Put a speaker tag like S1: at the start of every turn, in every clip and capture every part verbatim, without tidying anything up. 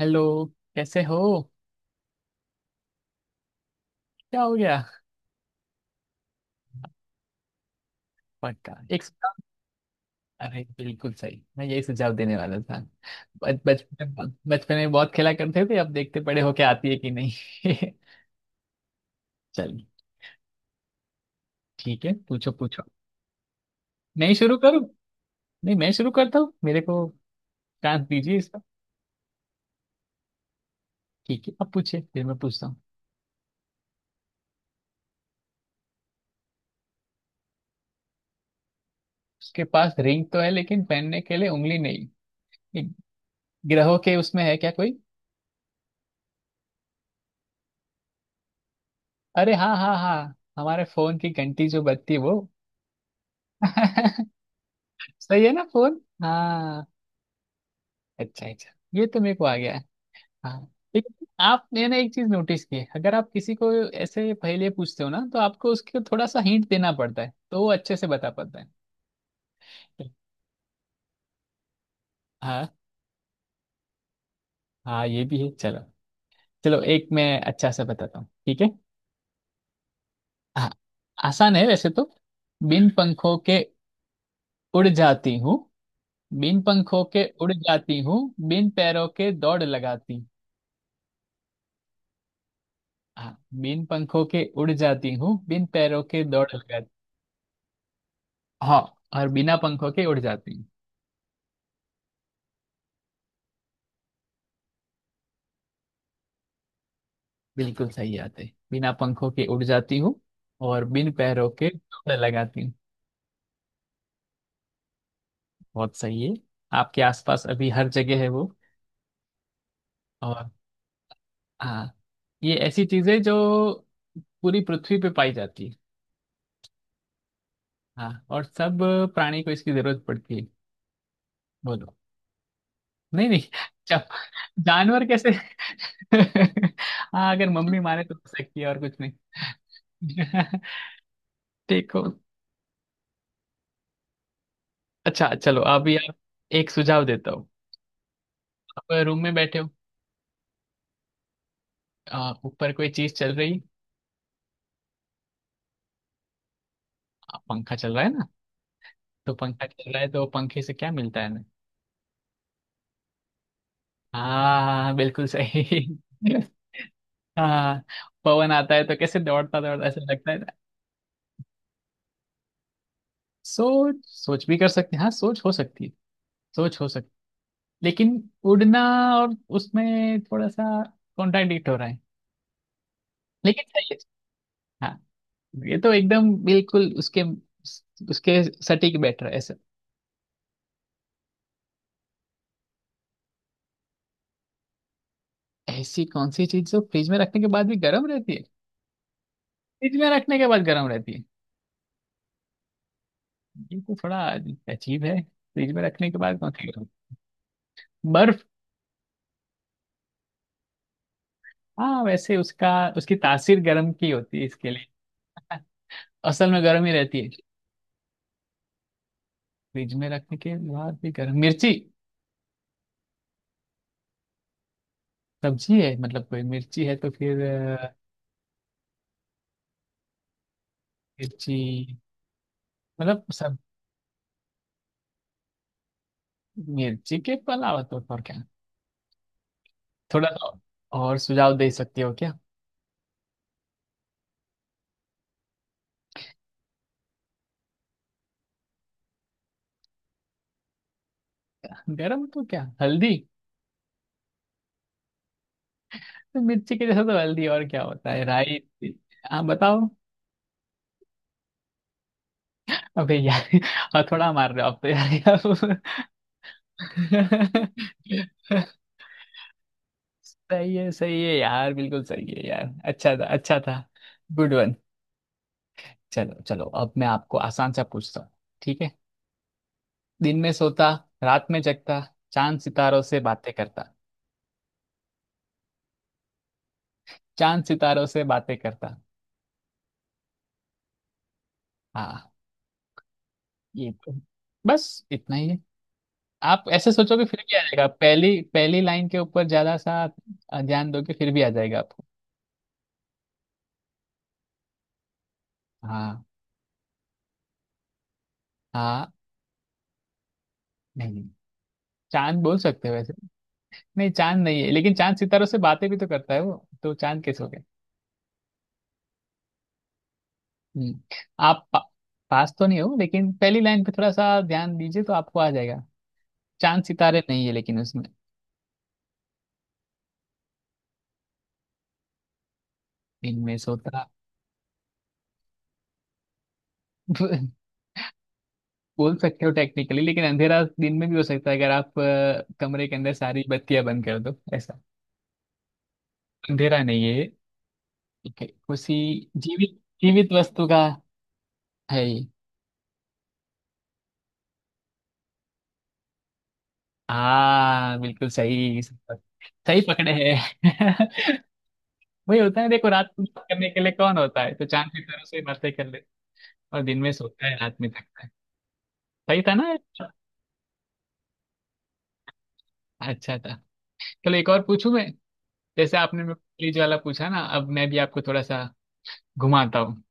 S1: Hello. कैसे हो? क्या हो गया? पक्का, एक सुझाव। अरे बिल्कुल सही, मैं यही सुझाव देने वाला था। बच- बचपन में बचपन में बहुत खेला करते थे, अब देखते बड़े होके आती है कि नहीं। चलिए। ठीक है, पूछो पूछो नहीं, शुरू करूँ? नहीं, मैं शुरू करता हूँ, मेरे को चांस दीजिए इसका। ठीक है, अब पूछिए, फिर मैं पूछता हूँ। उसके पास रिंग तो है लेकिन पहनने के लिए उंगली नहीं? ये ग्रहों के उसमें है क्या कोई? अरे हाँ हाँ हाँ हमारे फोन की घंटी जो बजती है वो। सही है ना, फोन? हाँ। अच्छा अच्छा, ये तो मेरे को आ गया है। हाँ, लेकिन आपने ना एक चीज नोटिस की है, अगर आप किसी को ऐसे पहले पूछते हो ना, तो आपको उसके थोड़ा सा हिंट देना पड़ता है, तो वो अच्छे से बता पाता है। हाँ हाँ, ये भी है। चलो, चलो, एक मैं अच्छा सा बताता हूँ, ठीक है? हाँ, आसान है वैसे तो। बिन पंखों के उड़ जाती हूँ, बिन पंखों के उड़ जाती हूँ, बिन पैरों के दौड़ लगाती। हाँ, बिन पंखों के उड़ जाती हूँ, बिन पैरों के दौड़ लगाती। हाँ, और बिना पंखों के उड़ जाती हूँ। बिल्कुल सही बात है, बिना पंखों के उड़ जाती हूँ और बिन पैरों के डोर लगाती हूँ। बहुत सही है। आपके आसपास अभी हर जगह है वो। और हाँ, ये ऐसी चीज है जो पूरी पृथ्वी पे पाई जाती है। हाँ, और सब प्राणी को इसकी जरूरत पड़ती है। बोलो। नहीं नहीं, जब जानवर कैसे? हाँ, अगर मम्मी मारे तो हो सकती है, और कुछ नहीं। देखो, अच्छा, चलो अभी आप, एक सुझाव देता हूँ। आप रूम में बैठे हो। आ, ऊपर कोई चीज चल रही? अब पंखा चल रहा है ना, तो पंखा चल रहा है, तो पंखे से क्या मिलता है हमें? हाँ हाँ हाँ, बिल्कुल सही। हाँ, पवन आता है तो कैसे दौड़ता दौड़ता ऐसा लगता है ना। सोच सोच भी कर सकते हैं, हाँ, सोच हो सकती है, सोच हो सकती। लेकिन उड़ना और उसमें थोड़ा सा कॉन्ट्राडिक्ट हो रहा है, लेकिन सही है। हाँ, ये तो एकदम बिल्कुल उसके उसके सटीक बैटर है ऐसा। ऐसी कौन सी चीज जो फ्रिज में रखने के बाद भी गर्म रहती है? फ्रिज में रखने के बाद गर्म रहती है को थोड़ा अजीब है। फ्रिज में रखने के बाद कौन खाएगा? बर्फ? हाँ, वैसे उसका, उसकी तासीर गर्म की होती है, इसके लिए असल में गर्म ही रहती है। फ्रिज में रखने के बाद भी गर्म, मिर्ची सब्जी है, मतलब कोई मिर्ची है तो फिर? अ, मिर्ची, मतलब सब मिर्ची के तो अलावा तो और क्या, थोड़ा तो और सुझाव दे सकती हो क्या? गर्म तो, क्या हल्दी? तो मिर्ची के जैसा तो हल्दी, और क्या होता है? राई? हाँ, बताओ। अबे यार! और थोड़ा मार रहे हो आप तो यार। सही है, सही है यार, बिल्कुल सही है यार। अच्छा था, अच्छा था। Good one. चलो चलो, अब मैं आपको आसान सा पूछता हूँ, ठीक है? दिन में सोता, रात में जगता, चांद सितारों से बातें करता। चांद सितारों से बातें करता। हाँ, ये तो बस इतना ही है। आप ऐसे सोचोगे फिर भी आ जाएगा, पहली पहली लाइन के ऊपर ज्यादा सा ध्यान दोगे फिर भी आ जाएगा आपको। हाँ हाँ। नहीं, चांद बोल सकते हो वैसे, नहीं चांद नहीं है, लेकिन चांद सितारों से बातें भी तो करता है वो, तो चांद कैसे हो गया? हम्म। आप पा, पास तो नहीं हो, लेकिन पहली लाइन पे थोड़ा सा ध्यान दीजिए तो आपको आ जाएगा। चांद सितारे नहीं है लेकिन उसमें। दिन में सोता। बोल सकते हो टेक्निकली, लेकिन अंधेरा दिन में भी हो सकता है, अगर आप अ, कमरे के अंदर सारी बत्तियां बंद कर दो, ऐसा अंधेरा नहीं है। ठीक है, उसी जीवित जीवित वस्तु का है ये। हाँ बिल्कुल सही, सही पकड़े हैं। वही होता है, देखो रात को बात करने के लिए कौन होता है, तो चांद की तरह से ही बातें कर ले। और दिन में सोता है, रात में थकता है। सही था ना? अच्छा था। चलो एक और पूछूं मैं। जैसे आपने मैं प्लीज वाला पूछा ना, अब मैं भी आपको थोड़ा सा घुमाता हूँ।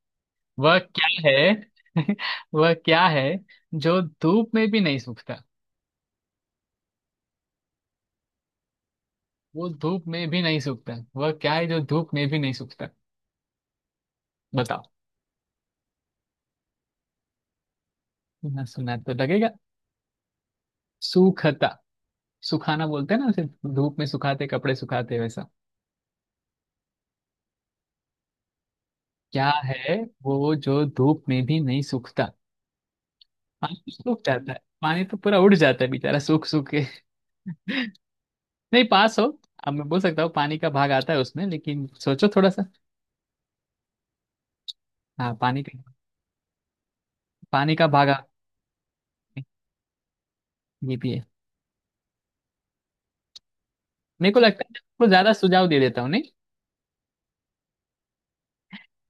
S1: वह क्या है, वह क्या है जो धूप में भी नहीं सूखता? वो धूप में भी नहीं सूखता। वह क्या है जो धूप में भी नहीं सूखता? बताओ। ना सुना तो लगेगा। सूखता, सुखाना बोलते हैं ना, सिर्फ धूप में सुखाते, कपड़े सुखाते वैसा। क्या है वो जो धूप में भी नहीं सूखता? पानी तो सूख जाता है, पानी तो पूरा उड़ जाता है बेचारा सूख सूख के। नहीं, पास हो। अब मैं बोल सकता हूँ पानी का भाग आता है उसमें, लेकिन सोचो थोड़ा सा। हाँ, पानी का। पानी का भाग आ-। ये भी है। मेरे को लगता है मैं आपको ज्यादा सुझाव दे देता हूँ, नहीं?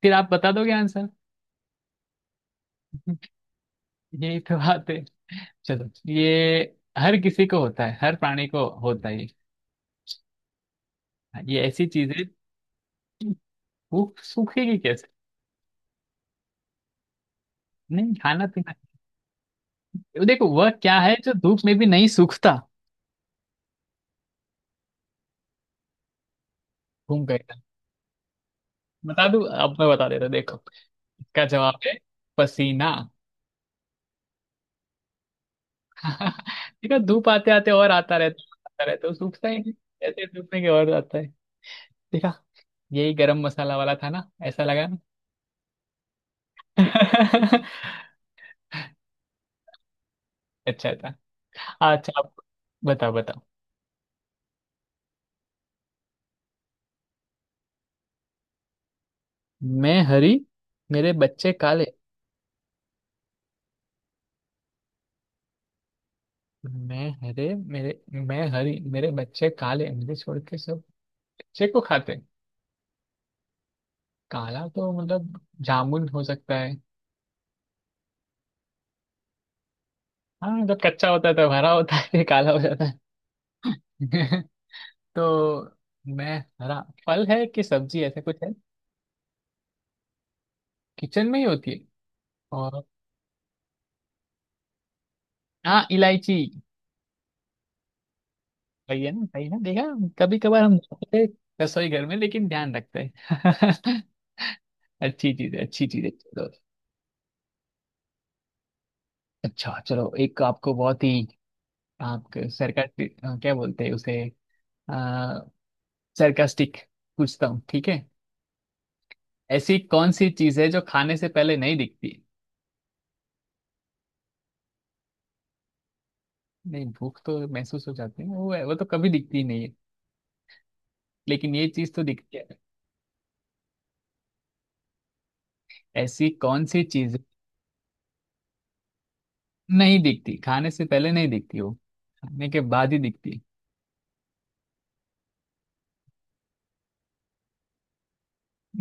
S1: फिर आप बता दोगे आंसर। यही तो बात है। चलो, ये हर किसी को होता है, हर प्राणी को होता है ये। हाँ, ये ऐसी चीज है। वो सूखेगी कैसे? नहीं, खाना पीना। देखो वह क्या है जो धूप में भी नहीं सूखता? घूम गए। बता दूं, अब मैं बता देता हूं, देखो, इसका जवाब है पसीना। देखा, धूप आते आते और आता रहता, आता रहता है, तो सूखता ही नहीं। ऐसे सूखने के और आता है। देखा? यही गरम मसाला वाला था ना, ऐसा लगा ना। अच्छा था। अच्छा, आप बताओ, बताओ। मैं हरी, मेरे बच्चे काले। मैं हरे मेरे मैं हरी, मेरे बच्चे काले, मुझे छोड़ के सब बच्चे को खाते हैं। काला तो मतलब जामुन हो सकता है? हाँ, जब कच्चा होता है तो हरा होता है, काला हो जाता है। तो मैं हरा, फल है कि सब्जी, ऐसा कुछ है? किचन में ही होती है? और हाँ, इलायची? सही है ना, सही ना, देखा। कभी कभार हम जाते हैं रसोई घर में, लेकिन ध्यान रखते हैं। अच्छी चीज है, अच्छी चीज है, चलो। अच्छा, चलो एक आपको बहुत ही आपके सरकास्टिक, क्या बोलते हैं उसे, सरकास्टिक पूछता हूँ, ठीक है? ऐसी कौन सी चीज है जो खाने से पहले नहीं दिखती? नहीं, भूख तो महसूस हो जाती है वो वो तो कभी दिखती ही नहीं है, लेकिन ये चीज तो दिखती है। ऐसी कौन सी चीज नहीं दिखती, खाने से पहले नहीं दिखती वो, खाने के बाद ही दिखती।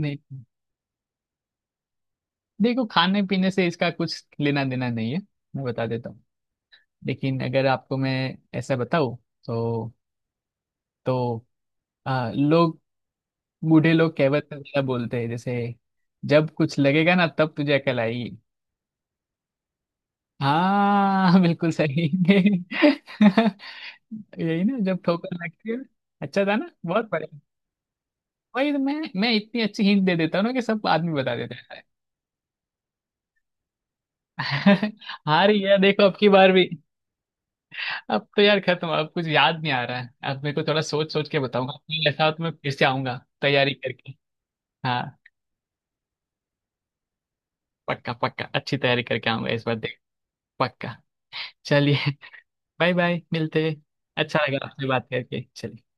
S1: नहीं, देखो, खाने पीने से इसका कुछ लेना देना नहीं है। मैं बता देता हूँ, लेकिन अगर आपको मैं ऐसा बताऊँ तो, तो आ, लोग, बूढ़े लोग कहावत में ज्यादा बोलते हैं, जैसे जब कुछ लगेगा ना तब तुझे अकल आएगी। हाँ बिल्कुल सही। यही ना, जब ठोकर लगती है। अच्छा था ना, बहुत बढ़िया। वही तो मैं मैं इतनी अच्छी हिंट दे देता हूँ ना, कि सब आदमी बता देते हैं। हाँ रही है। हार गया देखो अब की बार भी। अब तो यार खत्म, अब कुछ याद नहीं आ रहा है, अब मेरे को थोड़ा सोच सोच के बताऊंगा, फिर ऐसा हो तो मैं फिर से आऊंगा तैयारी करके। हाँ पक्का, पक्का अच्छी तैयारी करके आऊंगा इस बार, देख। पक्का। चलिए। बाय बाय, मिलते हैं। अच्छा लगा आपसे बात करके। चलिए।